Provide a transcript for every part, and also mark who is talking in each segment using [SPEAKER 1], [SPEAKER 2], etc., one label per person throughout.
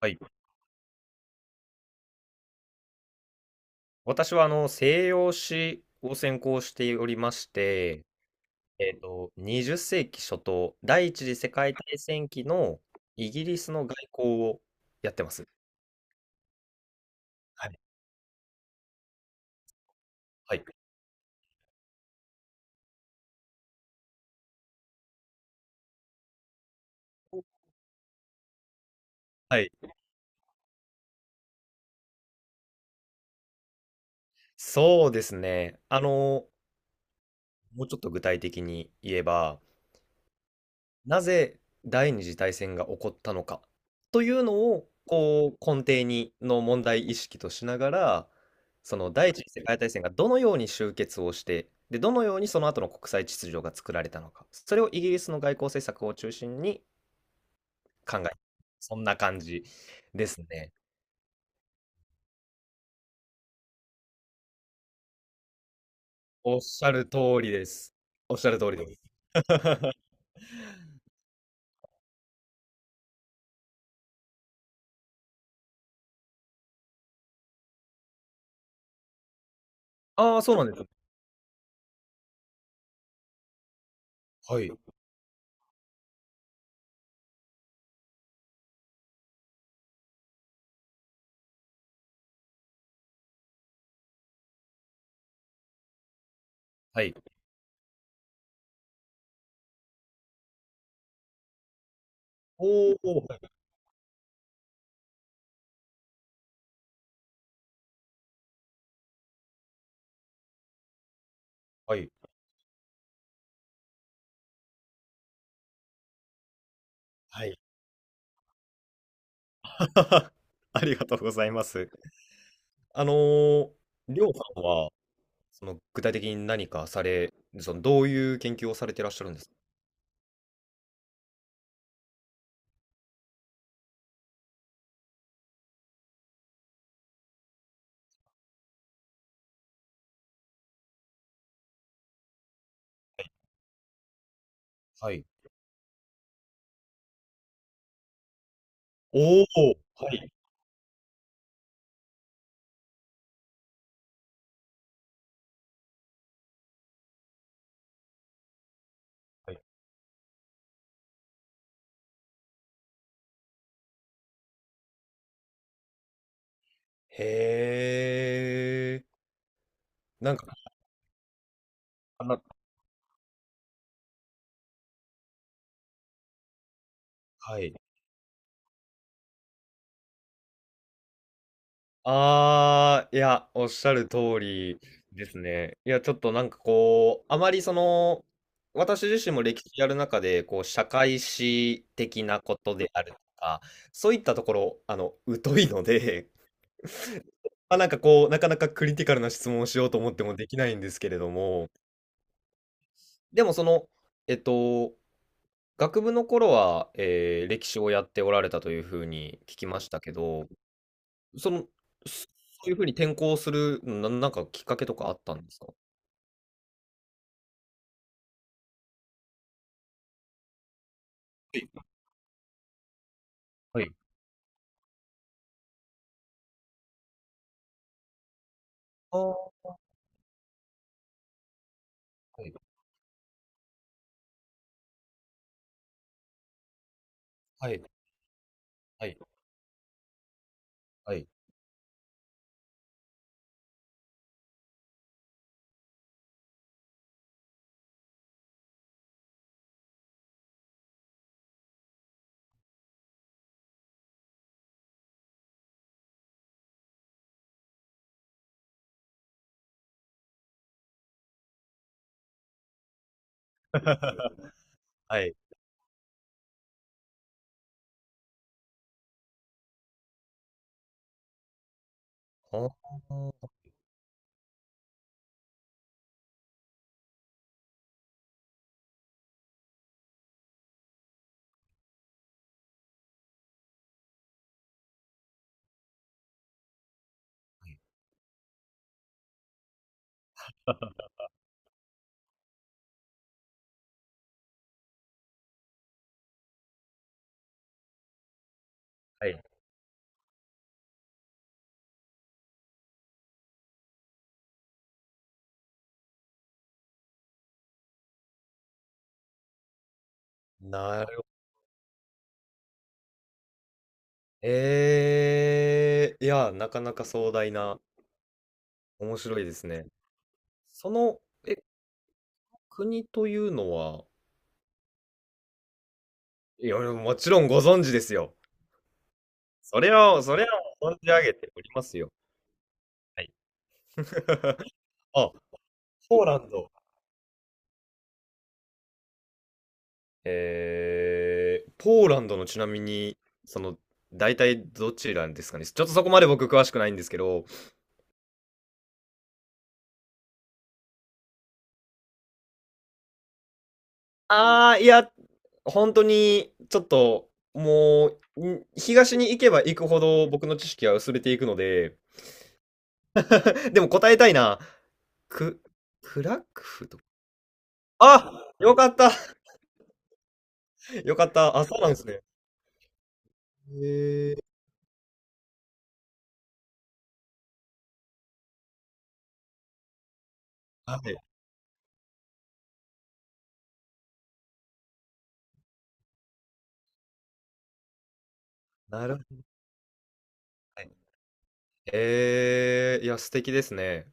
[SPEAKER 1] はい。私は西洋史を専攻しておりまして、20世紀初頭、第一次世界大戦期のイギリスの外交をやってます。はい。はい。はい。そうですね。もうちょっと具体的に言えば、なぜ第二次大戦が起こったのかというのをこう根底にの問題意識としながら、その第一次世界大戦がどのように終結をして、でどのようにその後の国際秩序が作られたのか、それをイギリスの外交政策を中心に考え、そんな感じですね。おっしゃる通りです。おっしゃる通りです。ああ、そうなんです。はい。はい。おお、はい。はい。はい。ありがとうございます。あのー、りょうさんは、その具体的に何かされ、そのどういう研究をされてらっしゃるんですか？はい。おお、はい。はい、へえ、なんか、あなはい。いや、おっしゃる通りですね。いや、ちょっとなんかこう、あまり私自身も歴史やる中で、こう、社会史的なことであるとか、そういったところ、疎いので、まあ、なんかこう、なかなかクリティカルな質問をしようと思ってもできないんですけれども、でもえっと、学部の頃は、歴史をやっておられたというふうに聞きましたけど、その、そそういうふうに転校する、なんかきっかけとかあったんですか？はい。ああ、はい、はい、はい、はい、はい。あーはい。なるほど。いや、なかなか壮大な、面白いですね。その、え、国というのは？いや、もちろんご存知ですよ。それは、それは存じ上げておりますよ。はい。あ、ポーランド。ポーランドのちなみに、その、大体どちらですかね？ちょっとそこまで僕詳しくないんですけど。いや、本当に、ちょっと、もう、東に行けば行くほど僕の知識は薄れていくので、でも答えたいな。く、クラクフと。あ、よかった。よかった。あ、そうなんですね。へー、はい、なるほど、はい。ええ、いや、素敵ですね。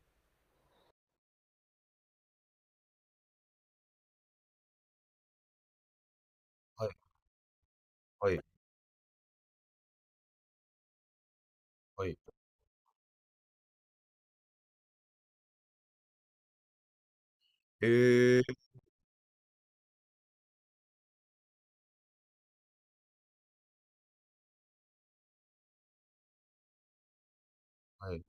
[SPEAKER 1] はい、はい、はい。ええ、はい。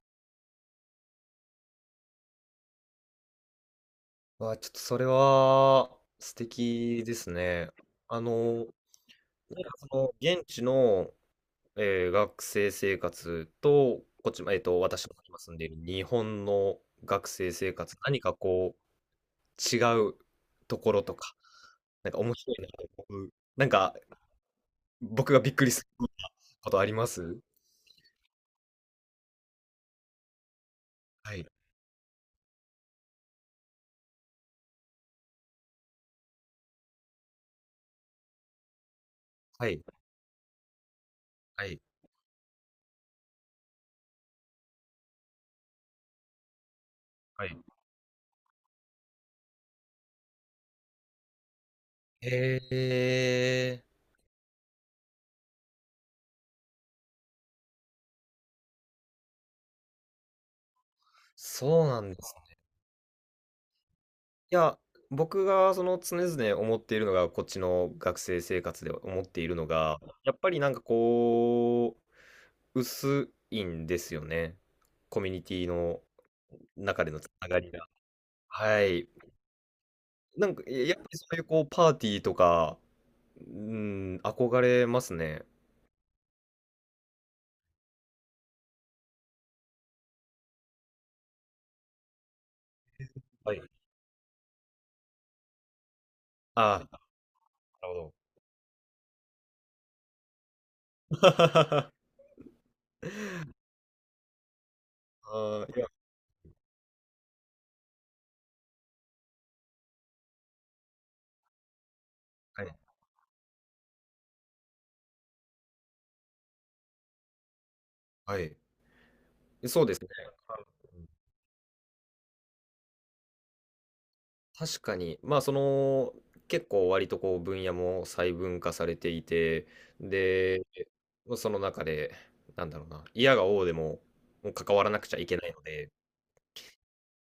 [SPEAKER 1] わ、ちょっとそれは素敵ですね。あの、なんか現地の、学生生活と、こっち、私の今住んでいる日本の学生生活、何かこう、違うところとか、なんか面白いなと思う、なんか、僕がびっくりすることあります？はい、はい、はい、はい。へえ、そうなんです。いや、僕が常々思っているのが、こっちの学生生活で思っているのが、やっぱりなんかこう、薄いんですよね。コミュニティの中でのつながりが。はい。なんか、やっぱりそういうこう、パーティーとか、うん、憧れますね。はい。ああ、なるほど。ああ、いや、はい。はい。そうですね。確かに、まあ結構割とこう分野も細分化されていて、で、その中で、なんだろうな、嫌が応でも、もう関わらなくちゃいけないので、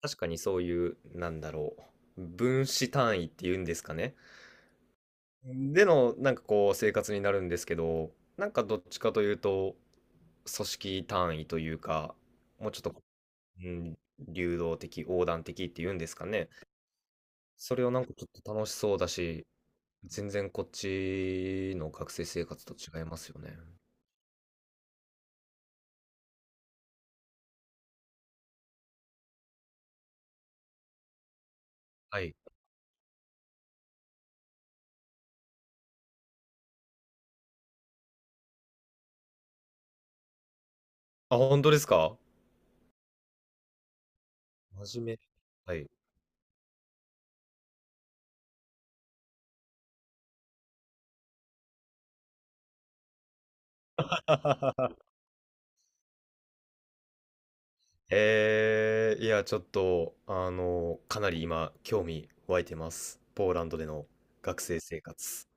[SPEAKER 1] 確かにそういう、なんだろう、分子単位っていうんですかね。での、なんかこう生活になるんですけど、なんかどっちかというと、組織単位というか、もうちょっと、うん、流動的、横断的っていうんですかね。それをなんかちょっと楽しそうだし、全然こっちの学生生活と違いますよね。はい。あ、本当ですか？真面目。はい。いや、ちょっと、かなり今、興味湧いてます。ポーランドでの学生生活。